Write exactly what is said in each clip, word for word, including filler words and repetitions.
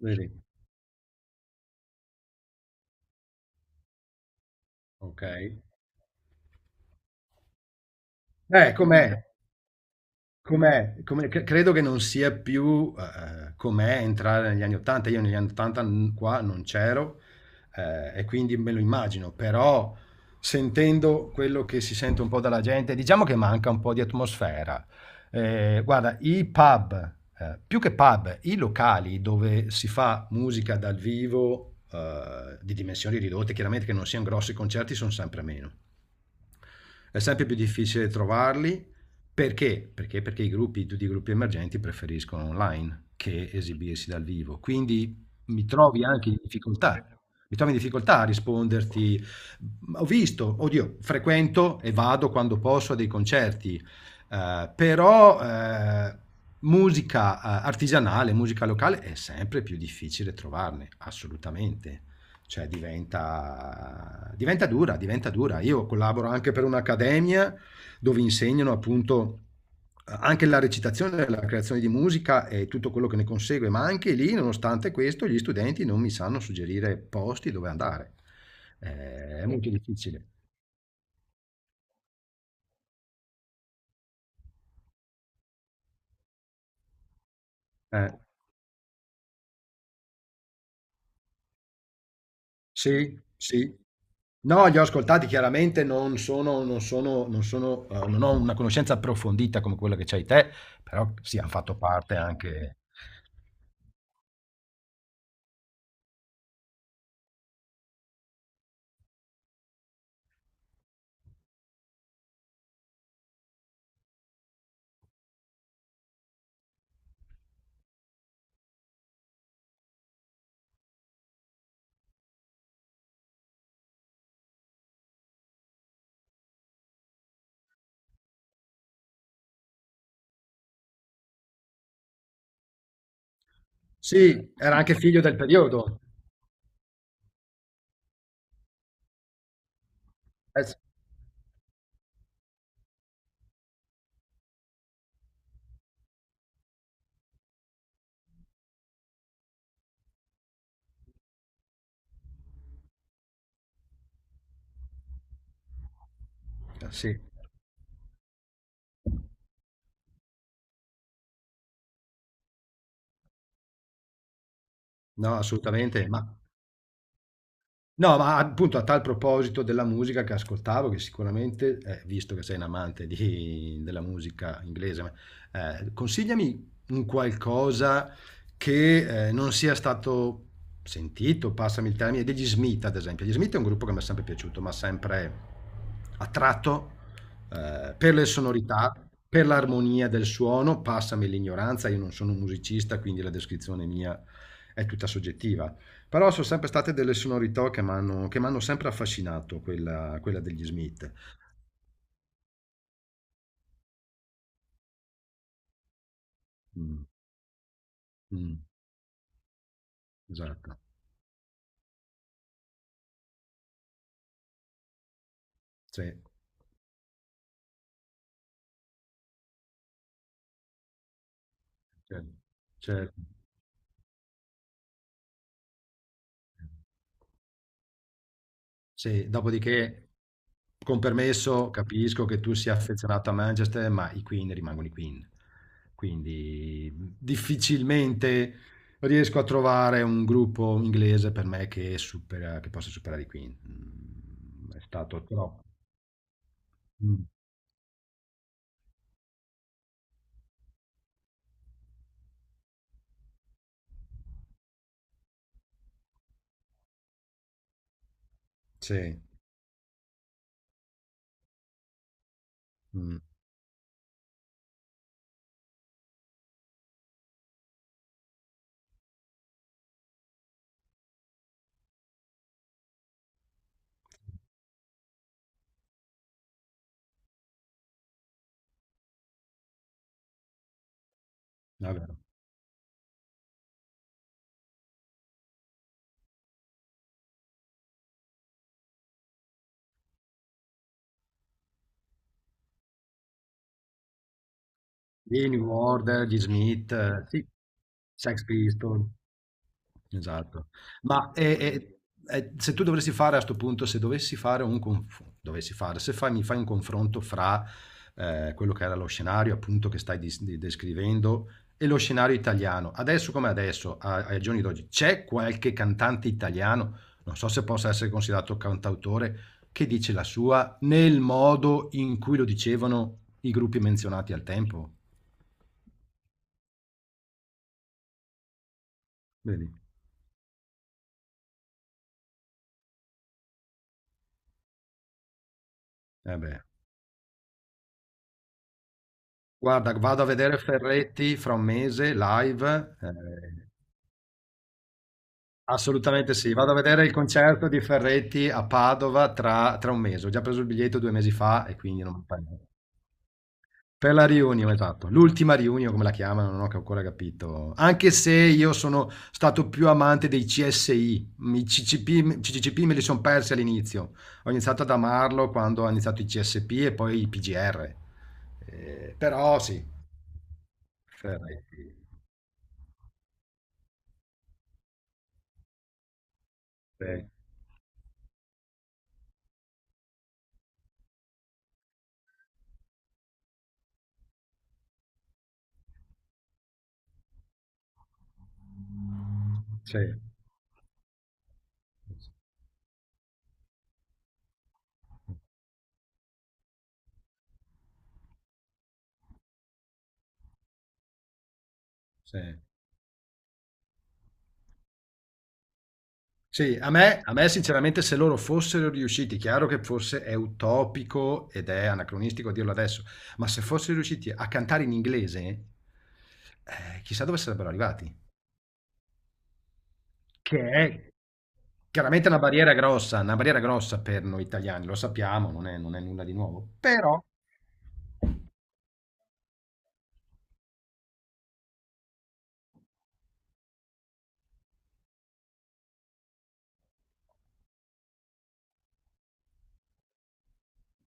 Vedi, okay. Eh, com'è? Com'è? Come c credo che non sia più, ehm, com'è entrare negli anni 'ottanta. Io negli anni 'ottanta n qua non c'ero, ehm, e quindi me lo immagino, però sentendo quello che si sente un po' dalla gente, diciamo che manca un po' di atmosfera. Ehm, guarda, i pub, ehm, più che pub, i locali dove si fa musica dal vivo, ehm, di dimensioni ridotte, chiaramente che non sian grossi concerti, son sempre meno. È sempre più difficile trovarli perché? Perché, perché i gruppi, tutti i gruppi emergenti preferiscono online che esibirsi dal vivo. Quindi mi trovi anche in difficoltà. Mi trovi in difficoltà a risponderti. Ho visto, oddio, frequento e vado quando posso a dei concerti, eh, però eh, musica eh, artigianale, musica locale è sempre più difficile trovarne, assolutamente, cioè diventa, diventa dura, diventa dura. Io collaboro anche per un'accademia dove insegnano appunto anche la recitazione, la creazione di musica e tutto quello che ne consegue, ma anche lì, nonostante questo, gli studenti non mi sanno suggerire posti dove andare. Eh, è molto difficile. Eh, sì, sì. No, li ho ascoltati, chiaramente non sono, non sono, non sono, eh, non ho una conoscenza approfondita come quella che c'hai te, però sì, hanno fatto parte anche. Sì, era anche figlio del periodo. Eh s eh sì, no, assolutamente, ma no, ma appunto a tal proposito della musica che ascoltavo, che sicuramente, eh, visto che sei un amante di- della musica inglese, ma, eh, consigliami un qualcosa che eh, non sia stato sentito, passami il termine, degli Smith ad esempio. Gli Smith è un gruppo che mi è sempre piaciuto, ma sempre attratto eh, per le sonorità, per l'armonia del suono, passami l'ignoranza, io non sono un musicista, quindi la descrizione mia è tutta soggettiva, però sono sempre state delle sonorità che mi hanno che m'hanno sempre affascinato, quella, quella degli Smith. Mh, mh, esatto, sì, certo, certo. Sì, dopodiché, con permesso, capisco che tu sia affezionato a Manchester, ma i Queen rimangono i Queen. Quindi mh, difficilmente riesco a trovare un gruppo inglese per me che supera, che possa superare i Queen. Mm, è stato troppo. Mm, sì, mm, è vero. Di New Order, gli Smith, eh, sì, Sex Pistols, esatto. Ma e- e- e se tu dovessi fare a sto punto, se dovessi fare un conf- dovessi fare, se fai, mi fai un confronto fra eh, quello che era lo scenario appunto che stai dis- di- descrivendo e lo scenario italiano, adesso come adesso, a- ai giorni d'oggi, c'è qualche cantante italiano, non so se possa essere considerato cantautore, che dice la sua nel modo in cui lo dicevano i gruppi menzionati al tempo? Vedi? Eh beh. Guarda, vado a vedere Ferretti fra un mese live. Eh, assolutamente sì. Vado a vedere il concerto di Ferretti a Padova tra, tra un mese. Ho già preso il biglietto due mesi fa e quindi non mi fa niente. Per la riunione, esatto. L'ultima riunione, come la chiamano, non ho ancora capito. Anche se io sono stato più amante dei C S I, i C C P, C C C P me li sono persi all'inizio. Ho iniziato ad amarlo quando ho iniziato i C S P e poi i P G R. Eh, però sì, Ferretti. Sì, sì. Sì. Sì, a me, a me sinceramente se loro fossero riusciti, chiaro che forse è utopico ed è anacronistico dirlo adesso, ma se fossero riusciti a cantare in inglese, eh, chissà dove sarebbero arrivati. Che è chiaramente una barriera grossa, una barriera grossa per noi italiani, lo sappiamo, non è, non è nulla di nuovo, però...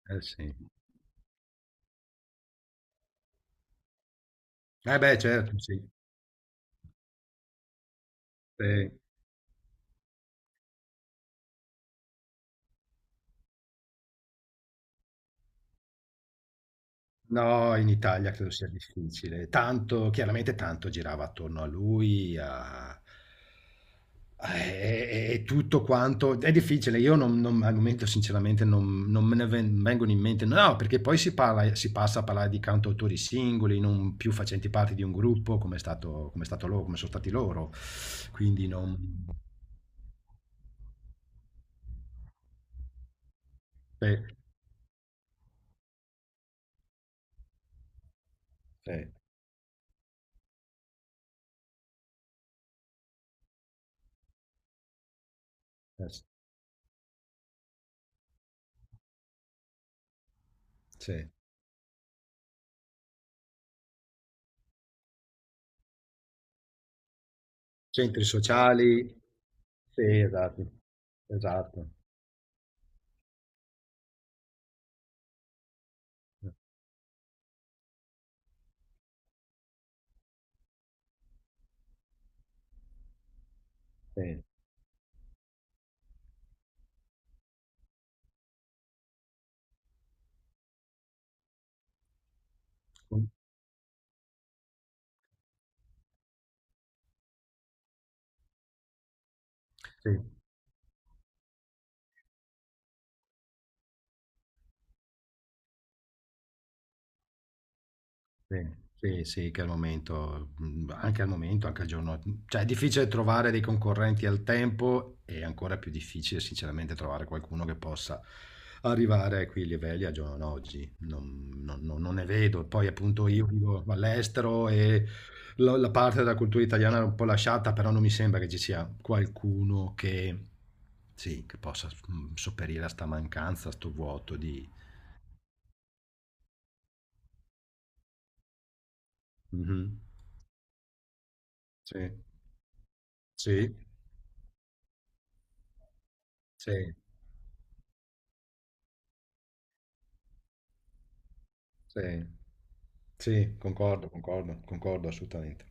Eh sì. Eh beh, certo, sì. Sì. No, in Italia credo sia difficile. Tanto, chiaramente tanto girava attorno a lui, a- e, e- e tutto quanto è difficile. Io non- non- al momento, sinceramente, non, non me ne ven- vengono in mente. No, perché poi si parla, si passa a parlare di cantautori singoli, non più facenti parte di un gruppo, come è stato, come è stato loro, come sono stati loro. Quindi non. Sì, sì, eh, sì. Centri sociali. Sì, esatto. Esatto. Sì. Sì, sì, sì, sì, che al momento, mh, anche al momento, anche al giorno, mm, cioè è difficile trovare dei concorrenti al tempo e ancora più difficile sinceramente trovare qualcuno che possa arrivare a quei livelli al giorno d'oggi. Non, non- non- non ne vedo. Poi appunto io vivo all'estero e la, la parte della cultura italiana è un po' lasciata, però non mi sembra che ci sia qualcuno che, sì, che possa mh, sopperire a sta mancanza, a sto vuoto di... Mhm. Sì, sì. Sì, sì, sì, concordo, concordo, concordo assolutamente.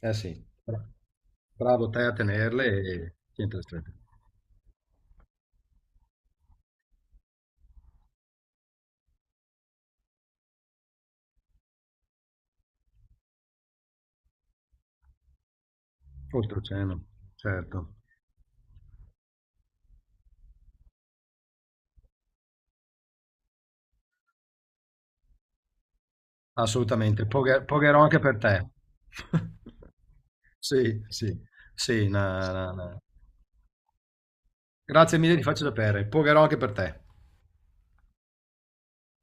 Eh sì, bra- bravo te a tenerle e niente da stretto. Oltreoceano, certo, assolutamente. Poghe- pogherò anche per te. Sì, sì, sì, na- na- na. Grazie mille, ti faccio sapere. Pogherò anche per te.